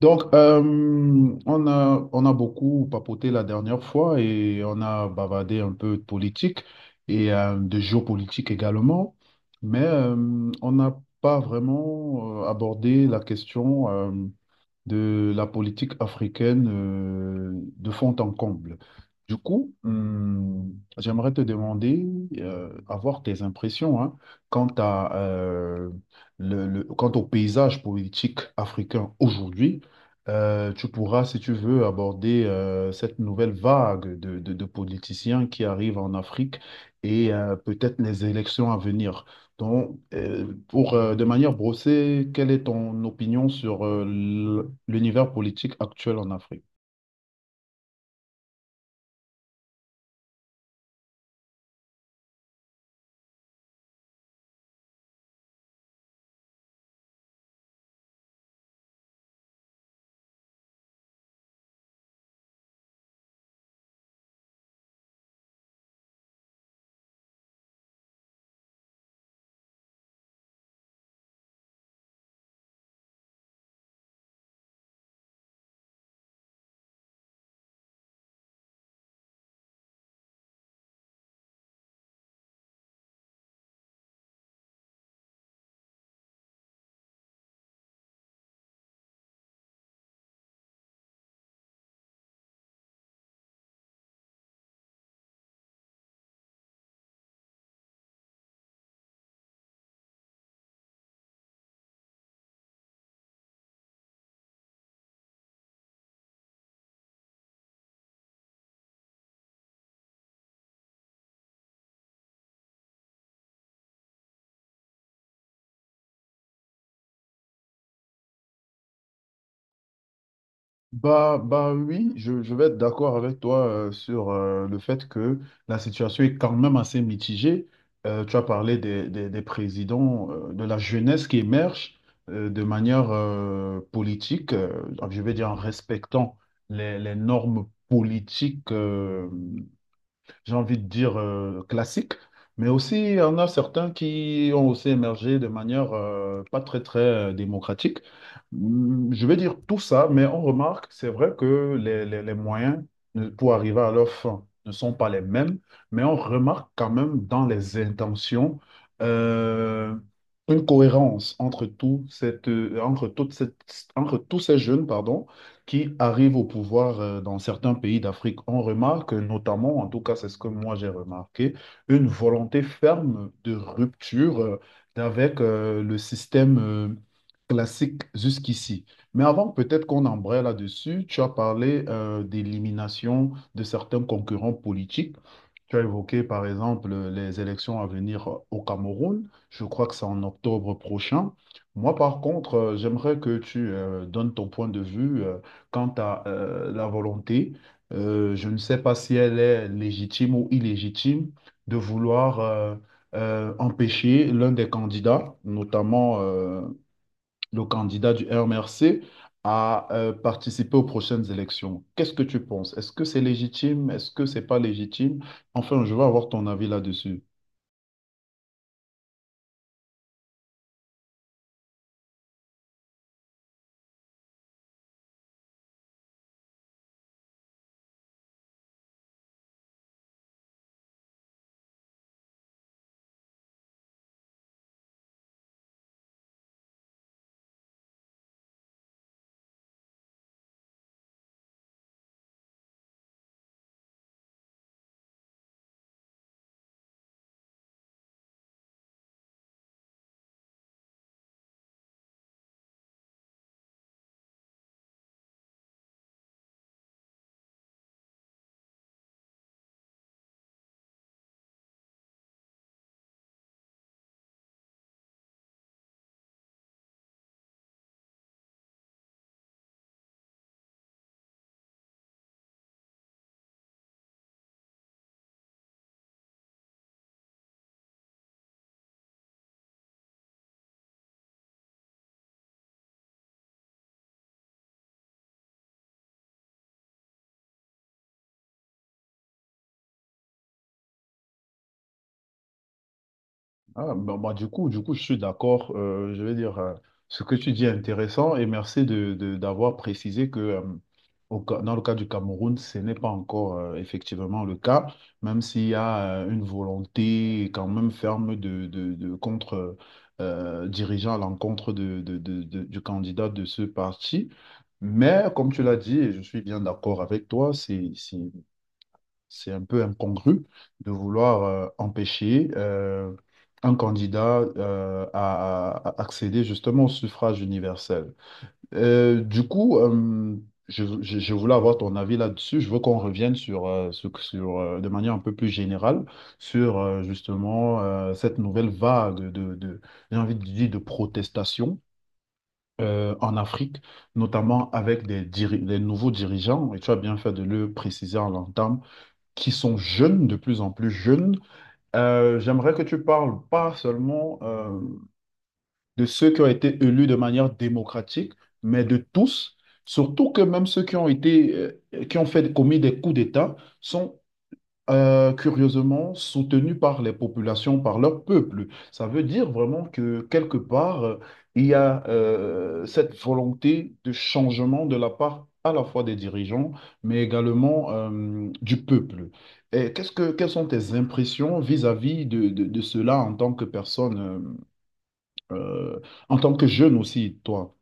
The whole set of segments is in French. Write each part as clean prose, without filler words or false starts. Donc, on a beaucoup papoté la dernière fois et on a bavardé un peu de politique et de géopolitique également, mais on n'a pas vraiment abordé la question de la politique africaine de fond en comble. Du coup, j'aimerais te demander, avoir tes impressions hein, quant à, quant au paysage politique africain aujourd'hui. Tu pourras, si tu veux, aborder cette nouvelle vague de, de politiciens qui arrivent en Afrique et peut-être les élections à venir. Donc, pour, de manière brossée, quelle est ton opinion sur l'univers politique actuel en Afrique? Bah, bah oui, je vais être d'accord avec toi sur le fait que la situation est quand même assez mitigée. Tu as parlé des présidents, de la jeunesse qui émerge de manière politique, je vais dire en respectant les normes politiques, j'ai envie de dire, classiques, mais aussi il y en a certains qui ont aussi émergé de manière pas très, très démocratique. Je vais dire tout ça, mais on remarque, c'est vrai que les moyens, pour arriver à leur fin, ne sont pas les mêmes, mais on remarque quand même dans les intentions euh, une cohérence entre tout cette, entre toute cette, entre tous ces jeunes, pardon, qui arrivent au pouvoir dans certains pays d'Afrique. On remarque notamment, en tout cas c'est ce que moi j'ai remarqué, une volonté ferme de rupture avec le système classique jusqu'ici. Mais avant peut-être qu'on embraye là-dessus, tu as parlé d'élimination de certains concurrents politiques. Tu as évoqué par exemple les élections à venir au Cameroun. Je crois que c'est en octobre prochain. Moi, par contre, j'aimerais que tu donnes ton point de vue quant à la volonté, je ne sais pas si elle est légitime ou illégitime de vouloir empêcher l'un des candidats, notamment le candidat du RMRC, à participer aux prochaines élections. Qu'est-ce que tu penses? Est-ce que c'est légitime? Est-ce que c'est pas légitime? Enfin, je veux avoir ton avis là-dessus. Ah, bah, bah, du coup, je suis d'accord. Je veux dire, ce que tu dis est intéressant, et merci de, d'avoir précisé que, dans le cas du Cameroun, ce n'est pas encore effectivement le cas, même s'il y a une volonté quand même ferme de contre, dirigeant à l'encontre du candidat de ce parti. Mais comme tu l'as dit, et je suis bien d'accord avec toi, c'est un peu incongru de vouloir empêcher un candidat à accéder justement au suffrage universel. Du coup, je voulais avoir ton avis là-dessus. Je veux qu'on revienne sur, sur, de manière un peu plus générale, sur justement cette nouvelle vague j'ai envie de dire, de protestation, en Afrique, notamment avec des nouveaux dirigeants, et tu as bien fait de le préciser en l'entame, qui sont jeunes, de plus en plus jeunes. J'aimerais que tu parles pas seulement de ceux qui ont été élus de manière démocratique, mais de tous, surtout que même ceux qui ont été, qui ont fait commis des coups d'État sont curieusement soutenus par les populations, par leur peuple. Ça veut dire vraiment que quelque part, il y a cette volonté de changement de la part à la fois des dirigeants, mais également du peuple. Et qu'est-ce que, quelles sont tes impressions vis-à-vis de, de cela en tant que personne, euh, en tant que jeune aussi, toi.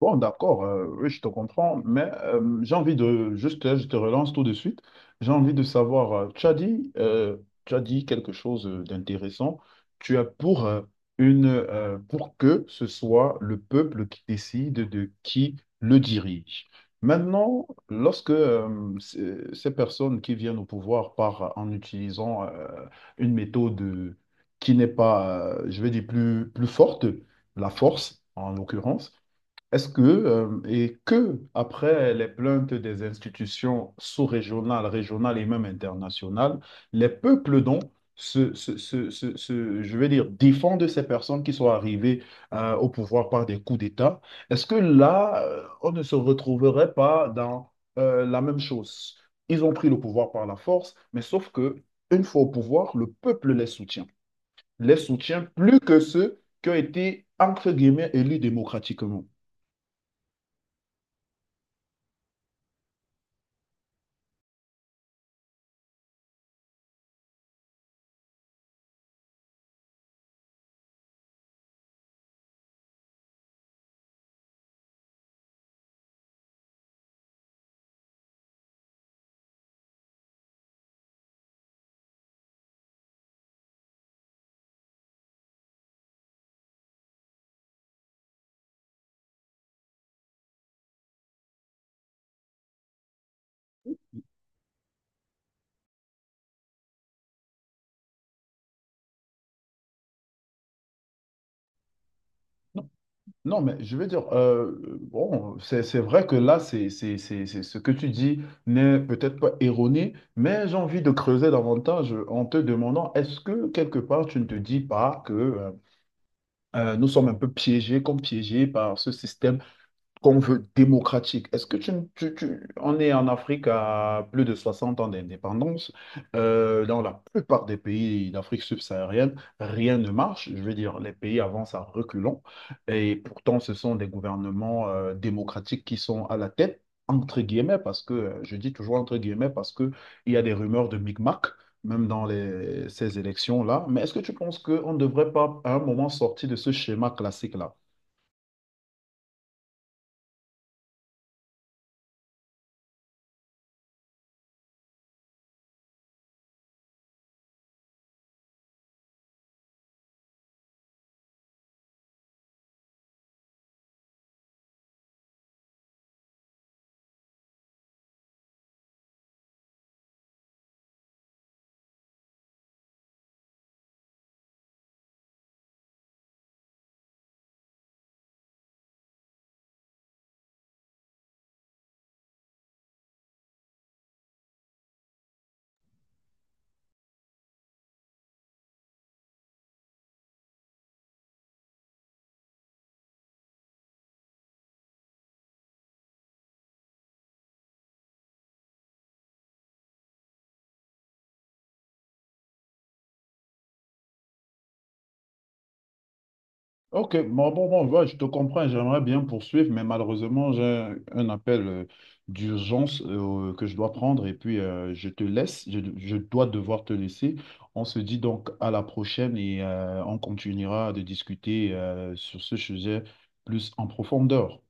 Bon, d'accord, oui, je te comprends, mais j'ai envie de, juste, je te relance tout de suite, j'ai envie de savoir, tu as dit quelque chose d'intéressant, tu as pour, une, pour que ce soit le peuple qui décide de qui le dirige. Maintenant, lorsque ces personnes qui viennent au pouvoir par, en utilisant une méthode qui n'est pas, je vais dire, plus, plus forte, la force en l'occurrence, est-ce que, et que, après les plaintes des institutions sous-régionales, régionales et même internationales, les peuples donc je vais dire, défendent ces personnes qui sont arrivées au pouvoir par des coups d'État, est-ce que là, on ne se retrouverait pas dans la même chose? Ils ont pris le pouvoir par la force, mais sauf que, une fois au pouvoir, le peuple les soutient. Les soutient plus que ceux qui ont été, entre guillemets, élus démocratiquement. Non, mais je veux dire, bon, c'est vrai que là, ce que tu dis n'est peut-être pas erroné, mais j'ai envie de creuser davantage en te demandant, est-ce que quelque part tu ne te dis pas que nous sommes un peu piégés, comme piégés par ce système qu'on veut démocratique. Est-ce que on est en Afrique à plus de 60 ans d'indépendance. Dans la plupart des pays d'Afrique subsaharienne, rien ne marche. Je veux dire, les pays avancent à reculons. Et pourtant, ce sont des gouvernements démocratiques qui sont à la tête, entre guillemets, parce que, je dis toujours entre guillemets, parce que il y a des rumeurs de micmac, même dans ces élections-là. Mais est-ce que tu penses qu'on ne devrait pas, à un moment, sortir de ce schéma classique-là? Ok, bon, bon, bon, ouais, je te comprends, j'aimerais bien poursuivre, mais malheureusement, j'ai un appel d'urgence que je dois prendre, et puis je te laisse, je dois devoir te laisser. On se dit donc à la prochaine, et on continuera de discuter sur ce sujet plus en profondeur.